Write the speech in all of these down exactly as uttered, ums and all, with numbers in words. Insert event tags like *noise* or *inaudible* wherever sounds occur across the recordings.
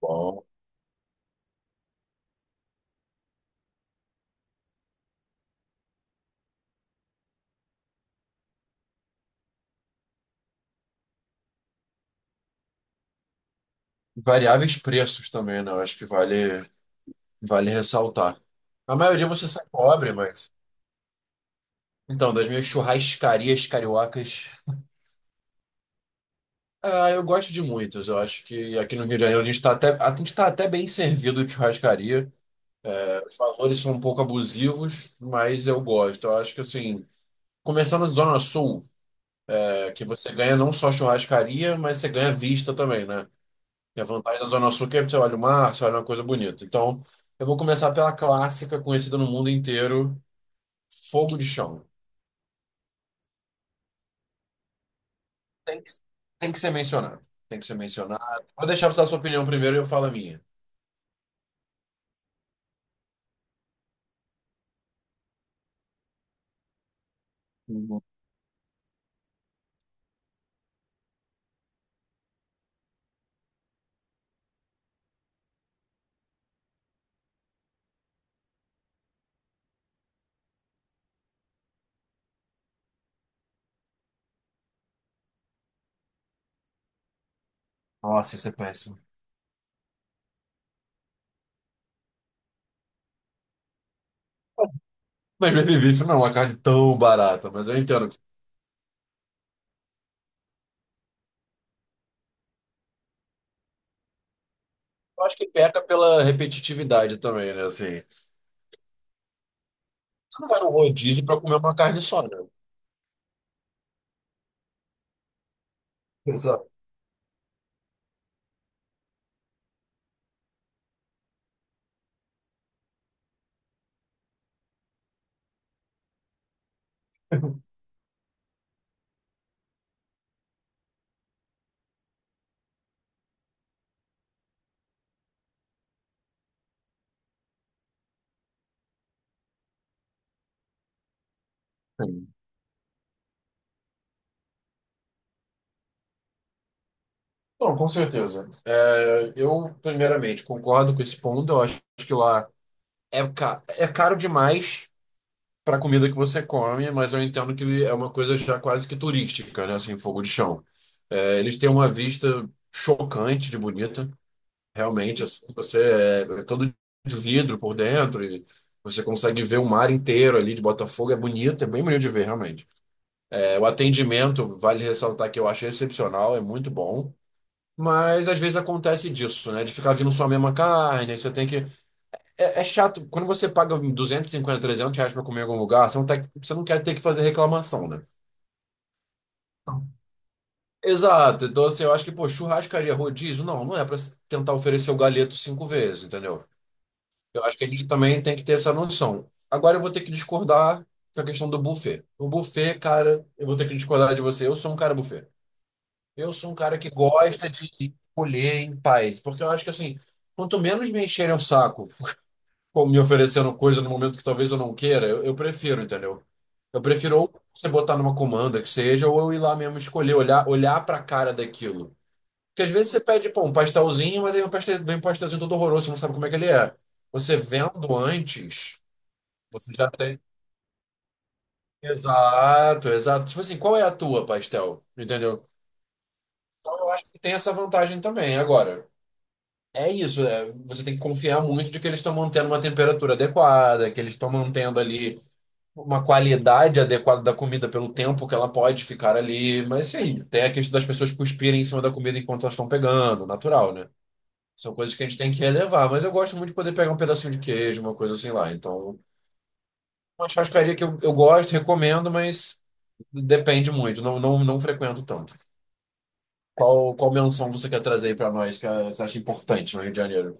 Bom. Variáveis preços também, né? Eu acho que vale, vale ressaltar. A maioria você sai pobre, mas. Então, das minhas churrascarias cariocas. Ah, eu gosto de muitas. Eu acho que aqui no Rio de Janeiro a gente está até, a gente tá até bem servido de churrascaria. É, os valores são um pouco abusivos, mas eu gosto. Eu acho que, assim, começando na Zona Sul, é, que você ganha não só churrascaria, mas você ganha vista também, né? E a vantagem da Zona Sul é que é, você olha o mar, você olha uma coisa bonita. Então, eu vou começar pela clássica conhecida no mundo inteiro, Fogo de Chão. Tem que, tem que ser mencionado. Tem que ser mencionado. Vou deixar você dar sua opinião primeiro e eu falo a minha. Uhum. Nossa, isso é péssimo. Mas baby beef não é uma carne tão barata, mas eu entendo. Eu acho que peca pela repetitividade também, né? Assim, você não vai no rodízio para comer uma carne só, né? Exato. Sim. Bom, com certeza. É, eu, primeiramente, concordo com esse ponto. Eu acho que lá É, ca- é caro demais para a comida que você come, mas eu entendo que é uma coisa já quase que turística, né? Assim, Fogo de Chão. É, eles têm uma vista chocante de bonita, realmente. Assim, você é, é todo de vidro por dentro e você consegue ver o mar inteiro ali de Botafogo. É bonito, é bem bonito de ver, realmente. É, o atendimento, vale ressaltar que eu achei excepcional, é muito bom. Mas às vezes acontece disso, né? De ficar vindo só a mesma carne, aí você tem que é, é chato, quando você paga duzentos e cinquenta, trezentos, reais pra comer em algum lugar, você não, tá, você não quer ter que fazer reclamação, né? Não. Exato, então assim, eu acho que, pô, churrascaria, rodízio, não, não é pra tentar oferecer o galeto cinco vezes, entendeu? Eu acho que a gente também tem que ter essa noção. Agora eu vou ter que discordar com a questão do buffet. O buffet, cara, eu vou ter que discordar de você. Eu sou um cara buffet. Eu sou um cara que gosta de colher em paz, porque eu acho que assim, quanto menos me encherem o saco ou me oferecendo coisa no momento que talvez eu não queira, eu, eu prefiro, entendeu? Eu prefiro ou você botar numa comanda que seja, ou eu ir lá mesmo escolher, olhar, olhar pra cara daquilo. Porque às vezes você pede, pô, um pastelzinho, mas aí o pastel, vem um pastelzinho todo horroroso, você não sabe como é que ele é. Você vendo antes, você já tem. Exato, exato. Tipo assim, qual é a tua pastel? Entendeu? Então eu acho que tem essa vantagem também. Agora, é isso, é, você tem que confiar muito de que eles estão mantendo uma temperatura adequada, que eles estão mantendo ali uma qualidade adequada da comida pelo tempo que ela pode ficar ali. Mas sim, tem a questão das pessoas cuspirem em cima da comida enquanto elas estão pegando, natural, né? São coisas que a gente tem que relevar. Mas eu gosto muito de poder pegar um pedacinho de queijo, uma coisa assim lá. Então, uma churrascaria que eu, eu gosto, recomendo, mas depende muito. Não, não, não frequento tanto. Qual, qual menção você quer trazer aí pra nós que eh, você acha importante no Rio de Janeiro?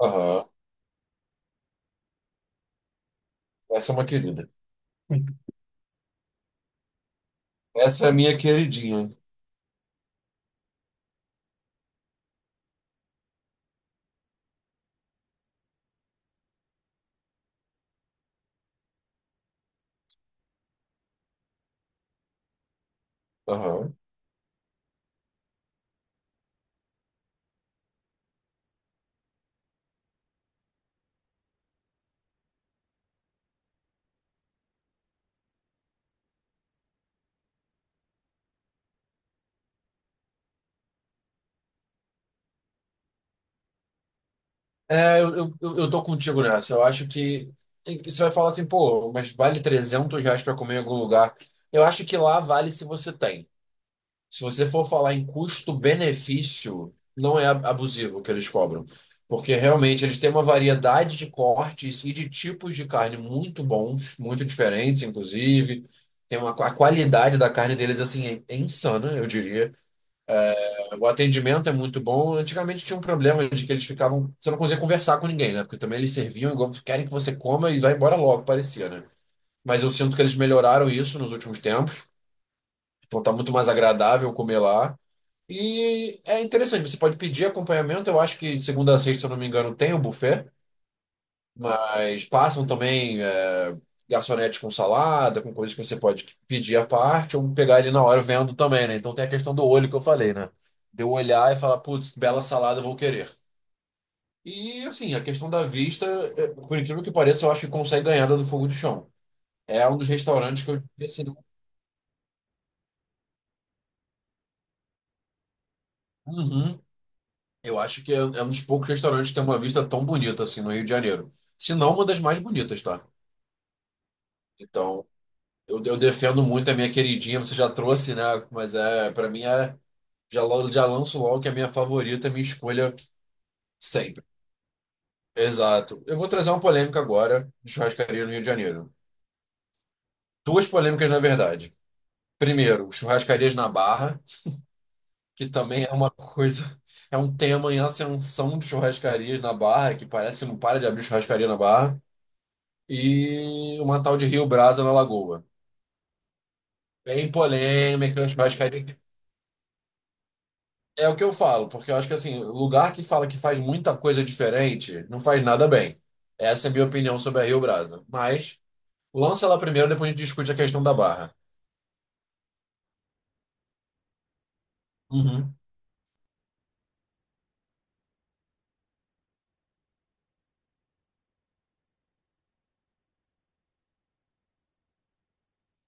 Aham. Essa é uma querida. Essa é a minha queridinha. Aham. É, eu, eu, eu eu tô contigo nessa. Eu acho que, que você vai falar assim, pô, mas vale trezentos reais para comer em algum lugar. Eu acho que lá vale se você tem. Se você for falar em custo-benefício, não é ab- abusivo o que eles cobram. Porque realmente eles têm uma variedade de cortes e de tipos de carne muito bons, muito diferentes, inclusive. Tem uma, a qualidade da carne deles, assim, é é insana, eu diria. O atendimento é muito bom. Antigamente tinha um problema de que eles ficavam. Você não conseguia conversar com ninguém, né? Porque também eles serviam igual querem que você coma e vá embora logo, parecia, né? Mas eu sinto que eles melhoraram isso nos últimos tempos. Então tá muito mais agradável comer lá. E é interessante, você pode pedir acompanhamento. Eu acho que de segunda a sexta, se eu não me engano, tem o buffet. Mas passam também é, garçonetes com salada, com coisas que você pode pedir à parte ou pegar ele na hora vendo também, né? Então tem a questão do olho que eu falei, né? De eu olhar e falar, putz, que bela salada, eu vou querer. E assim, a questão da vista, é, por incrível que pareça, eu acho que consegue ganhar da do Fogo de Chão. É um dos restaurantes que eu diria assim, uhum, eu acho que é, é um dos poucos restaurantes que tem uma vista tão bonita assim no Rio de Janeiro. Se não, uma das mais bonitas, tá? Então, Eu, eu defendo muito a minha queridinha, você já trouxe, né? Mas é, para mim é já logo já lanço logo que é a minha favorita, minha escolha sempre. Exato. Eu vou trazer uma polêmica agora de churrascaria no Rio de Janeiro. Duas polêmicas, na verdade. Primeiro, churrascarias na Barra, que também é uma coisa, é um tema em ascensão de churrascarias na Barra, que parece que não para de abrir churrascaria na Barra, e uma tal de Rio Brasa na Lagoa. Bem polêmica, churrascaria. É o que eu falo, porque eu acho que assim, lugar que fala que faz muita coisa diferente, não faz nada bem. Essa é a minha opinião sobre a Rio Brasa. Mas lança ela primeiro, depois a gente discute a questão da Barra. Uhum.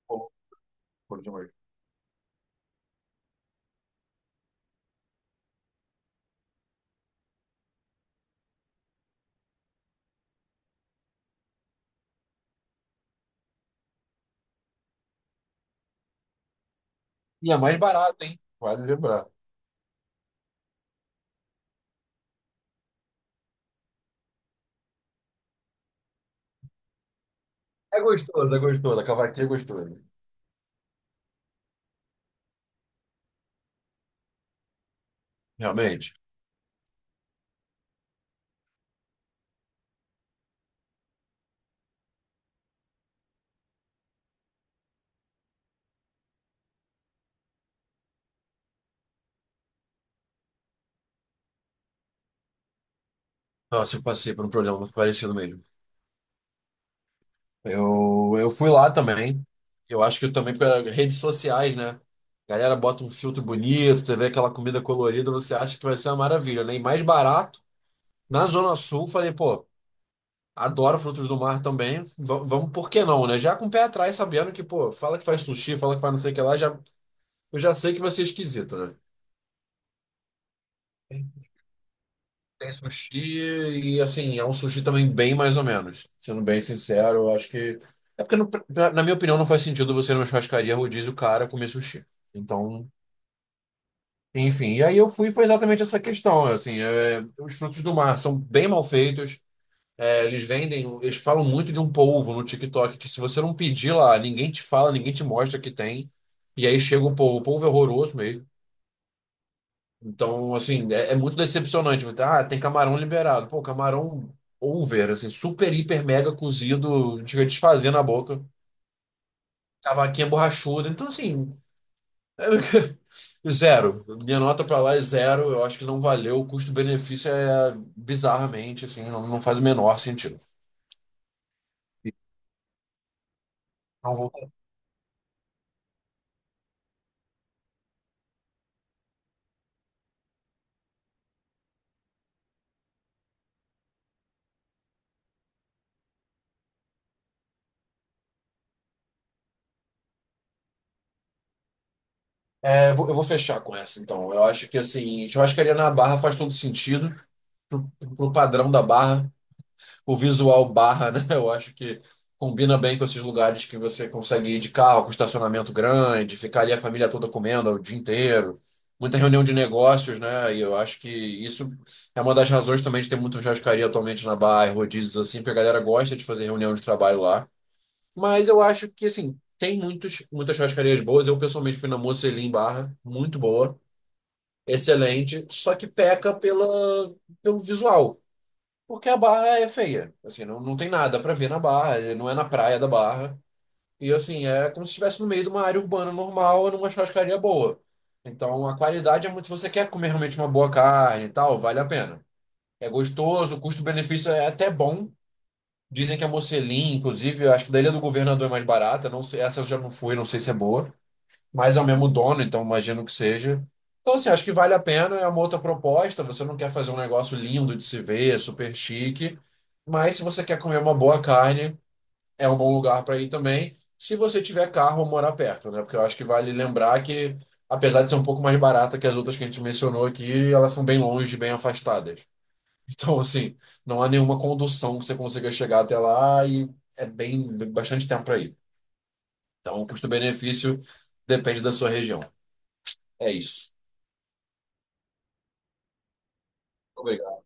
Bom, bom demais. E é mais barato, hein? Vale lembrar. É gostoso, é gostoso. A cavaquinha é gostosa. Realmente. Nossa, eu passei por um problema parecido mesmo. Eu, eu fui lá também. Eu acho que eu também pelas redes sociais, né? Galera bota um filtro bonito, você vê aquela comida colorida, você acha que vai ser uma maravilha, né? E mais barato. Na Zona Sul, falei, pô, adoro frutos do mar também. va- Vamos, por que não, né? Já com o pé atrás, sabendo que, pô, fala que faz sushi, fala que faz não sei o que lá, já, eu já sei que vai ser esquisito, né? Tem tem sushi e, assim, é um sushi também bem mais ou menos. Sendo bem sincero, eu acho que. É porque, não- pra- na minha opinião, não faz sentido você ir numa churrascaria rodízio cara comer sushi. Então, enfim. E aí eu fui, foi exatamente essa questão, assim, é, os frutos do mar são bem mal feitos. É, eles vendem, eles falam muito de um polvo no TikTok, que se você não pedir lá, ninguém te fala, ninguém te mostra que tem. E aí chega o polvo. O polvo é horroroso mesmo. Então, assim, é, é muito decepcionante. Você, Ah, tem camarão liberado. Pô, camarão over, assim, super, hiper, mega cozido, chega desfazendo a boca. Cavaquinha borrachuda. Então, assim, zero. Minha nota pra lá é zero. Eu acho que não valeu. O custo-benefício é bizarramente, assim, não, não faz o menor sentido. E não vou. É, Eu vou, eu vou fechar com essa, então. Eu acho que, assim, churrascaria na Barra faz todo sentido pro, pro padrão da Barra, o visual Barra, *laughs* né? Eu acho que combina bem com esses lugares que você consegue ir de carro, com estacionamento grande, ficar ali a família toda comendo o dia inteiro. Muita reunião de negócios, né? E eu acho que isso é uma das razões também de ter muita churrascaria atualmente na Barra, e rodízios assim, porque a galera gosta de fazer reunião de trabalho lá. Mas eu acho que, assim, tem muitos, muitas churrascarias boas. Eu, pessoalmente, fui na Mocelin Barra, muito boa, excelente, só que peca pela, pelo visual. Porque a Barra é feia. Assim, não, não tem nada pra ver na Barra, eh, não é na praia da Barra. E assim, é como se estivesse no meio de uma área urbana normal, numa churrascaria boa. Então a qualidade é muito. Se você quer comer realmente uma boa carne e tal, vale a pena. É gostoso, o custo-benefício é até bom. Dizem que a Mocelin, inclusive, eu acho que da Ilha do Governador é mais barata. Não sei, essa eu já não fui, não sei se é boa, mas é o mesmo dono, então imagino que seja. Então, assim, acho que vale a pena, é uma outra proposta. Você não quer fazer um negócio lindo de se ver, super chique, mas se você quer comer uma boa carne, é um bom lugar para ir também, se você tiver carro ou morar perto, né? Porque eu acho que vale lembrar que, apesar de ser um pouco mais barata que as outras que a gente mencionou aqui, elas são bem longe, bem afastadas. *laughs* Então, assim, não há nenhuma condução que você consiga chegar até lá e é bem bastante tempo para ir. Então, o custo-benefício depende da sua região. É isso. Obrigado.